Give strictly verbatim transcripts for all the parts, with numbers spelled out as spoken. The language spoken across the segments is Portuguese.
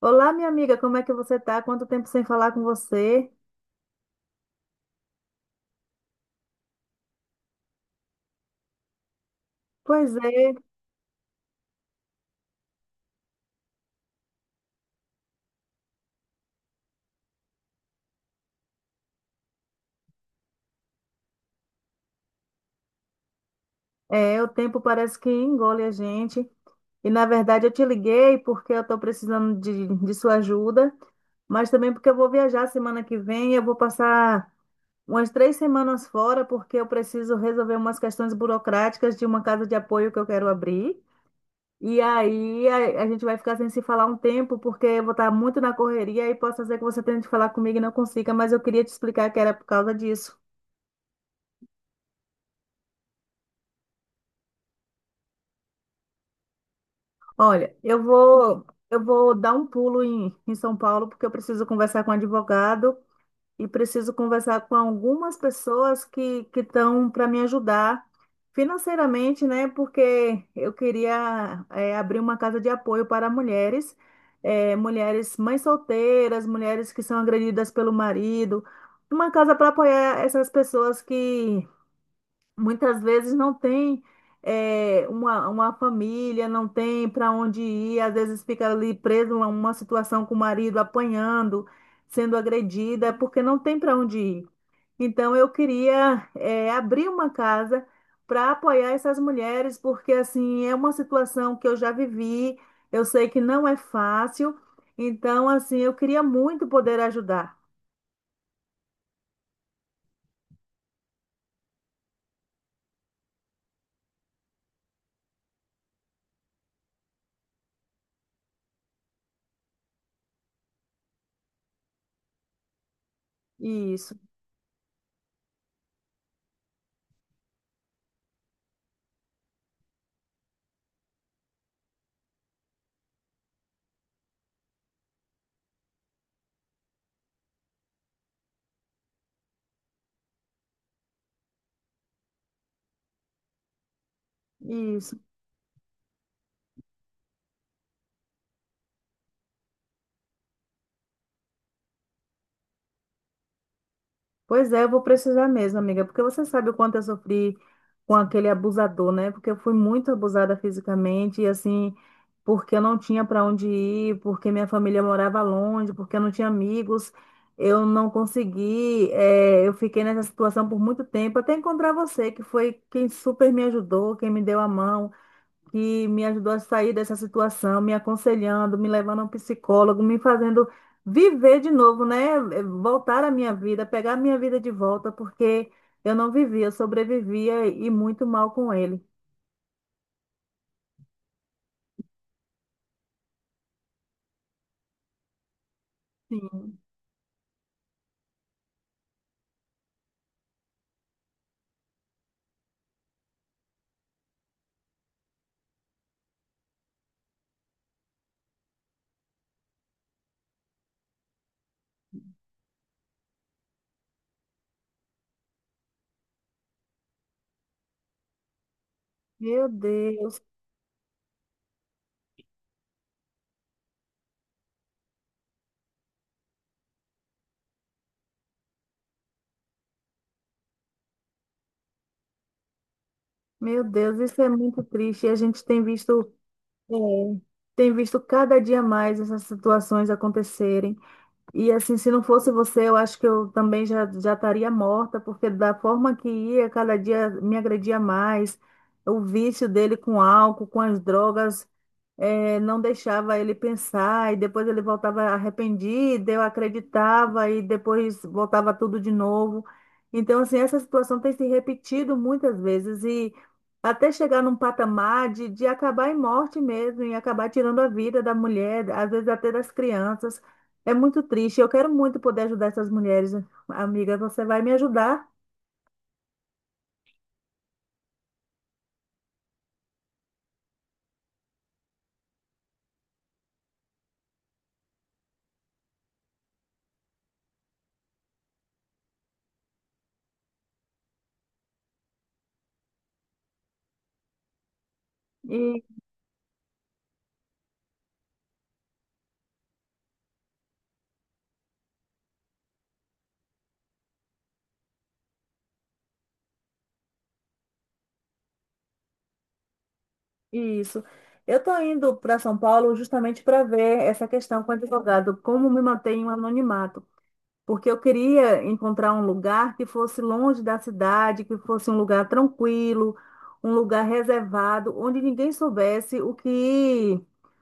Olá, minha amiga, como é que você tá? Quanto tempo sem falar com você? Pois é, é, o tempo parece que engole a gente. E na verdade eu te liguei porque eu estou precisando de, de sua ajuda, mas também porque eu vou viajar semana que vem. Eu vou passar umas três semanas fora porque eu preciso resolver umas questões burocráticas de uma casa de apoio que eu quero abrir. E aí a, a gente vai ficar sem se falar um tempo, porque eu vou estar muito na correria e posso ser que você tente falar comigo e não consiga, mas eu queria te explicar que era por causa disso. Olha, eu vou, eu vou dar um pulo em, em São Paulo porque eu preciso conversar com um advogado e preciso conversar com algumas pessoas que que estão para me ajudar financeiramente, né? Porque eu queria eh, abrir uma casa de apoio para mulheres, eh, mulheres mães solteiras, mulheres que são agredidas pelo marido, uma casa para apoiar essas pessoas que muitas vezes não tem eh, uma, uma família, não tem para onde ir, às vezes fica ali preso a uma situação com o marido apanhando, sendo agredida, é porque não tem para onde ir. Então eu queria eh, abrir uma casa para apoiar essas mulheres, porque assim é uma situação que eu já vivi, eu sei que não é fácil, então assim eu queria muito poder ajudar. Isso, isso. Pois é, eu vou precisar mesmo, amiga, porque você sabe o quanto eu sofri com aquele abusador, né? Porque eu fui muito abusada fisicamente e assim, porque eu não tinha para onde ir, porque minha família morava longe, porque eu não tinha amigos, eu não consegui, eh, eu fiquei nessa situação por muito tempo, até encontrar você, que foi quem super me ajudou, quem me deu a mão, que me ajudou a sair dessa situação, me aconselhando, me levando a um psicólogo, me fazendo viver de novo, né? Eh, Voltar à minha vida, pegar a minha vida de volta, porque eu não vivia, eu sobrevivia e muito mal com ele. Sim. Meu Deus, meu Deus, isso é muito triste. E a gente tem visto, eh, tem visto cada dia mais essas situações acontecerem. E assim, se não fosse você, eu acho que eu também já, já estaria morta, porque da forma que ia, cada dia me agredia mais. O vício dele com álcool, com as drogas, eh, não deixava ele pensar, e depois ele voltava arrependido, eu acreditava, e depois voltava tudo de novo. Então, assim, essa situação tem se repetido muitas vezes, e até chegar num patamar de, de acabar em morte mesmo, e acabar tirando a vida da mulher, às vezes até das crianças. É muito triste. Eu quero muito poder ajudar essas mulheres, amiga. Você vai me ajudar? Isso. Eu estou indo para São Paulo justamente para ver essa questão com o advogado, como me mantenho anonimato porque eu queria encontrar um lugar que fosse longe da cidade, que fosse um lugar tranquilo, um lugar reservado, onde ninguém soubesse o que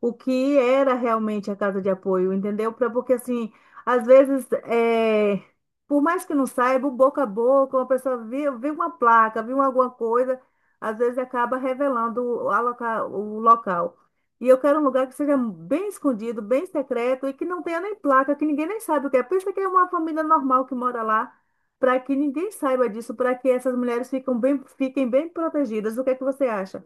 o que era realmente a casa de apoio, entendeu? Pra- Porque assim, às vezes, é, por mais que não saiba, o boca a boca, uma pessoa viu, viu uma placa, viu alguma coisa, às vezes acaba revelando o a loca- o local. E eu quero um lugar que seja bem escondido, bem secreto e que não tenha nem placa, que ninguém nem saiba o que é. Pensa que é uma família normal que mora lá, para que ninguém saiba disso, para que essas mulheres ficam bem, fiquem bem protegidas. O que é que você acha?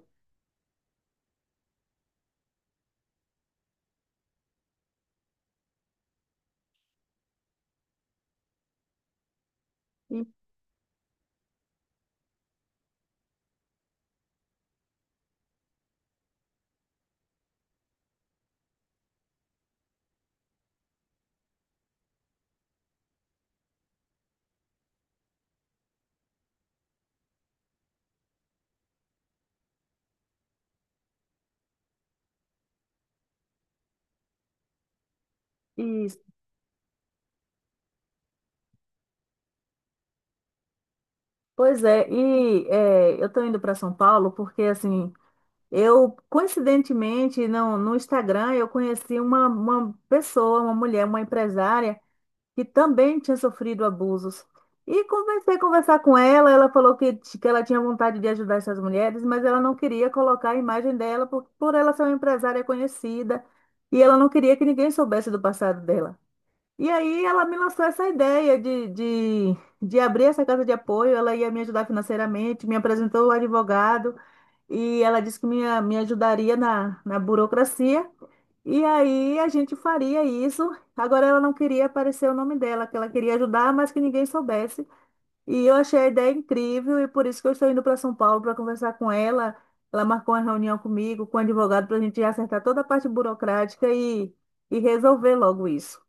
E, e- pois é, e é, eu estou indo para São Paulo porque, assim, eu, coincidentemente, no, no Instagram, eu conheci uma, uma pessoa, uma mulher, uma empresária que também tinha sofrido abusos. E comecei a conversar com ela, ela falou que, t- que ela tinha vontade de ajudar essas mulheres, mas ela não queria colocar a imagem dela por, por ela ser uma empresária conhecida, e ela não queria que ninguém soubesse do passado dela. E aí ela me lançou essa ideia de, de, de abrir essa casa de apoio, ela ia me ajudar financeiramente, me apresentou o advogado, e ela disse que me, me ajudaria na, na burocracia. E aí a gente faria isso. Agora ela não queria aparecer o nome dela, que ela queria ajudar, mas que ninguém soubesse. E eu achei a ideia incrível e por isso que eu estou indo para São Paulo para conversar com ela. Ela marcou uma reunião comigo, com o advogado, para a gente acertar toda a parte burocrática e, e resolver logo isso.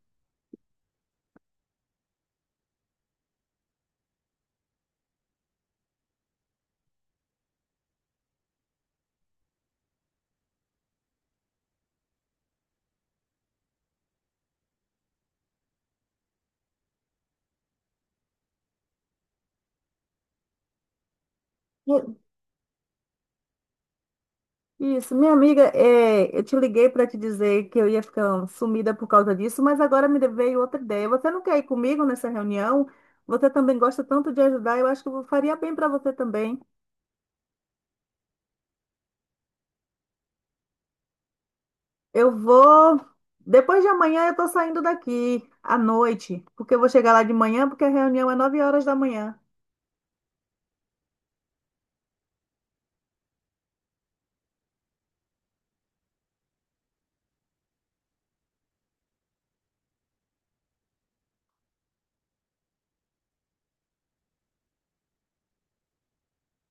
E- Isso, minha amiga, é, eu te liguei para te dizer que eu ia ficar sumida por causa disso, mas agora me veio outra ideia. Você não quer ir comigo nessa reunião? Você também gosta tanto de ajudar, eu acho que eu faria bem para você também. Eu vou. Depois de amanhã eu tô saindo daqui à noite, porque eu vou chegar lá de manhã, porque a reunião é nove horas da manhã.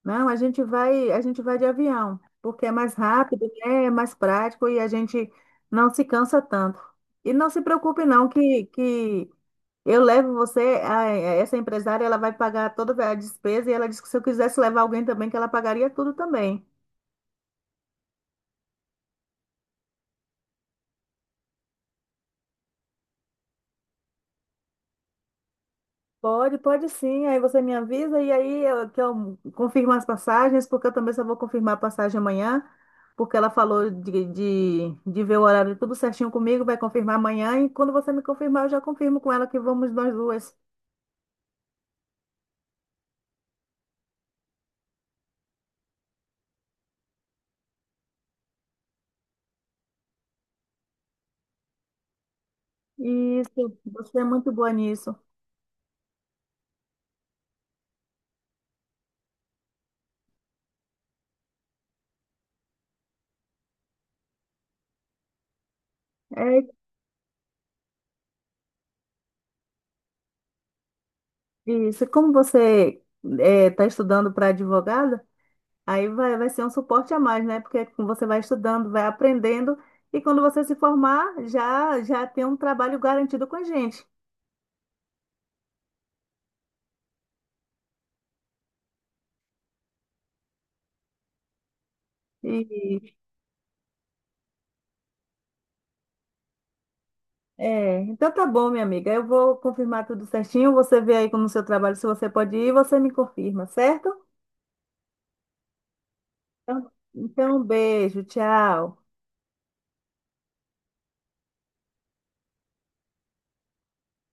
Não, a gente vai, a gente vai de avião, porque é mais rápido, né? É mais prático e a gente não se cansa tanto. E não se preocupe não que, que eu levo você, a- essa empresária, ela vai pagar toda a despesa e ela disse que se eu quisesse levar alguém também, que ela pagaria tudo também. Pode, pode sim. Aí você me avisa e aí eu, que eu confirmo as passagens, porque eu também só vou confirmar a passagem amanhã, porque ela falou de, de, de ver o horário tudo certinho comigo, vai confirmar amanhã. E quando você me confirmar, eu já confirmo com ela que vamos nós duas. Isso, você é muito boa nisso. É isso. Como você está estudando para advogada, aí vai, vai ser um suporte a mais, né? Porque você vai estudando, vai aprendendo, e quando você se formar, já, já tem um trabalho garantido com a gente. E, é, então tá bom, minha amiga. Eu vou confirmar tudo certinho. Você vê aí como no seu trabalho se você pode ir, você me confirma, certo? Então, então, um beijo, tchau.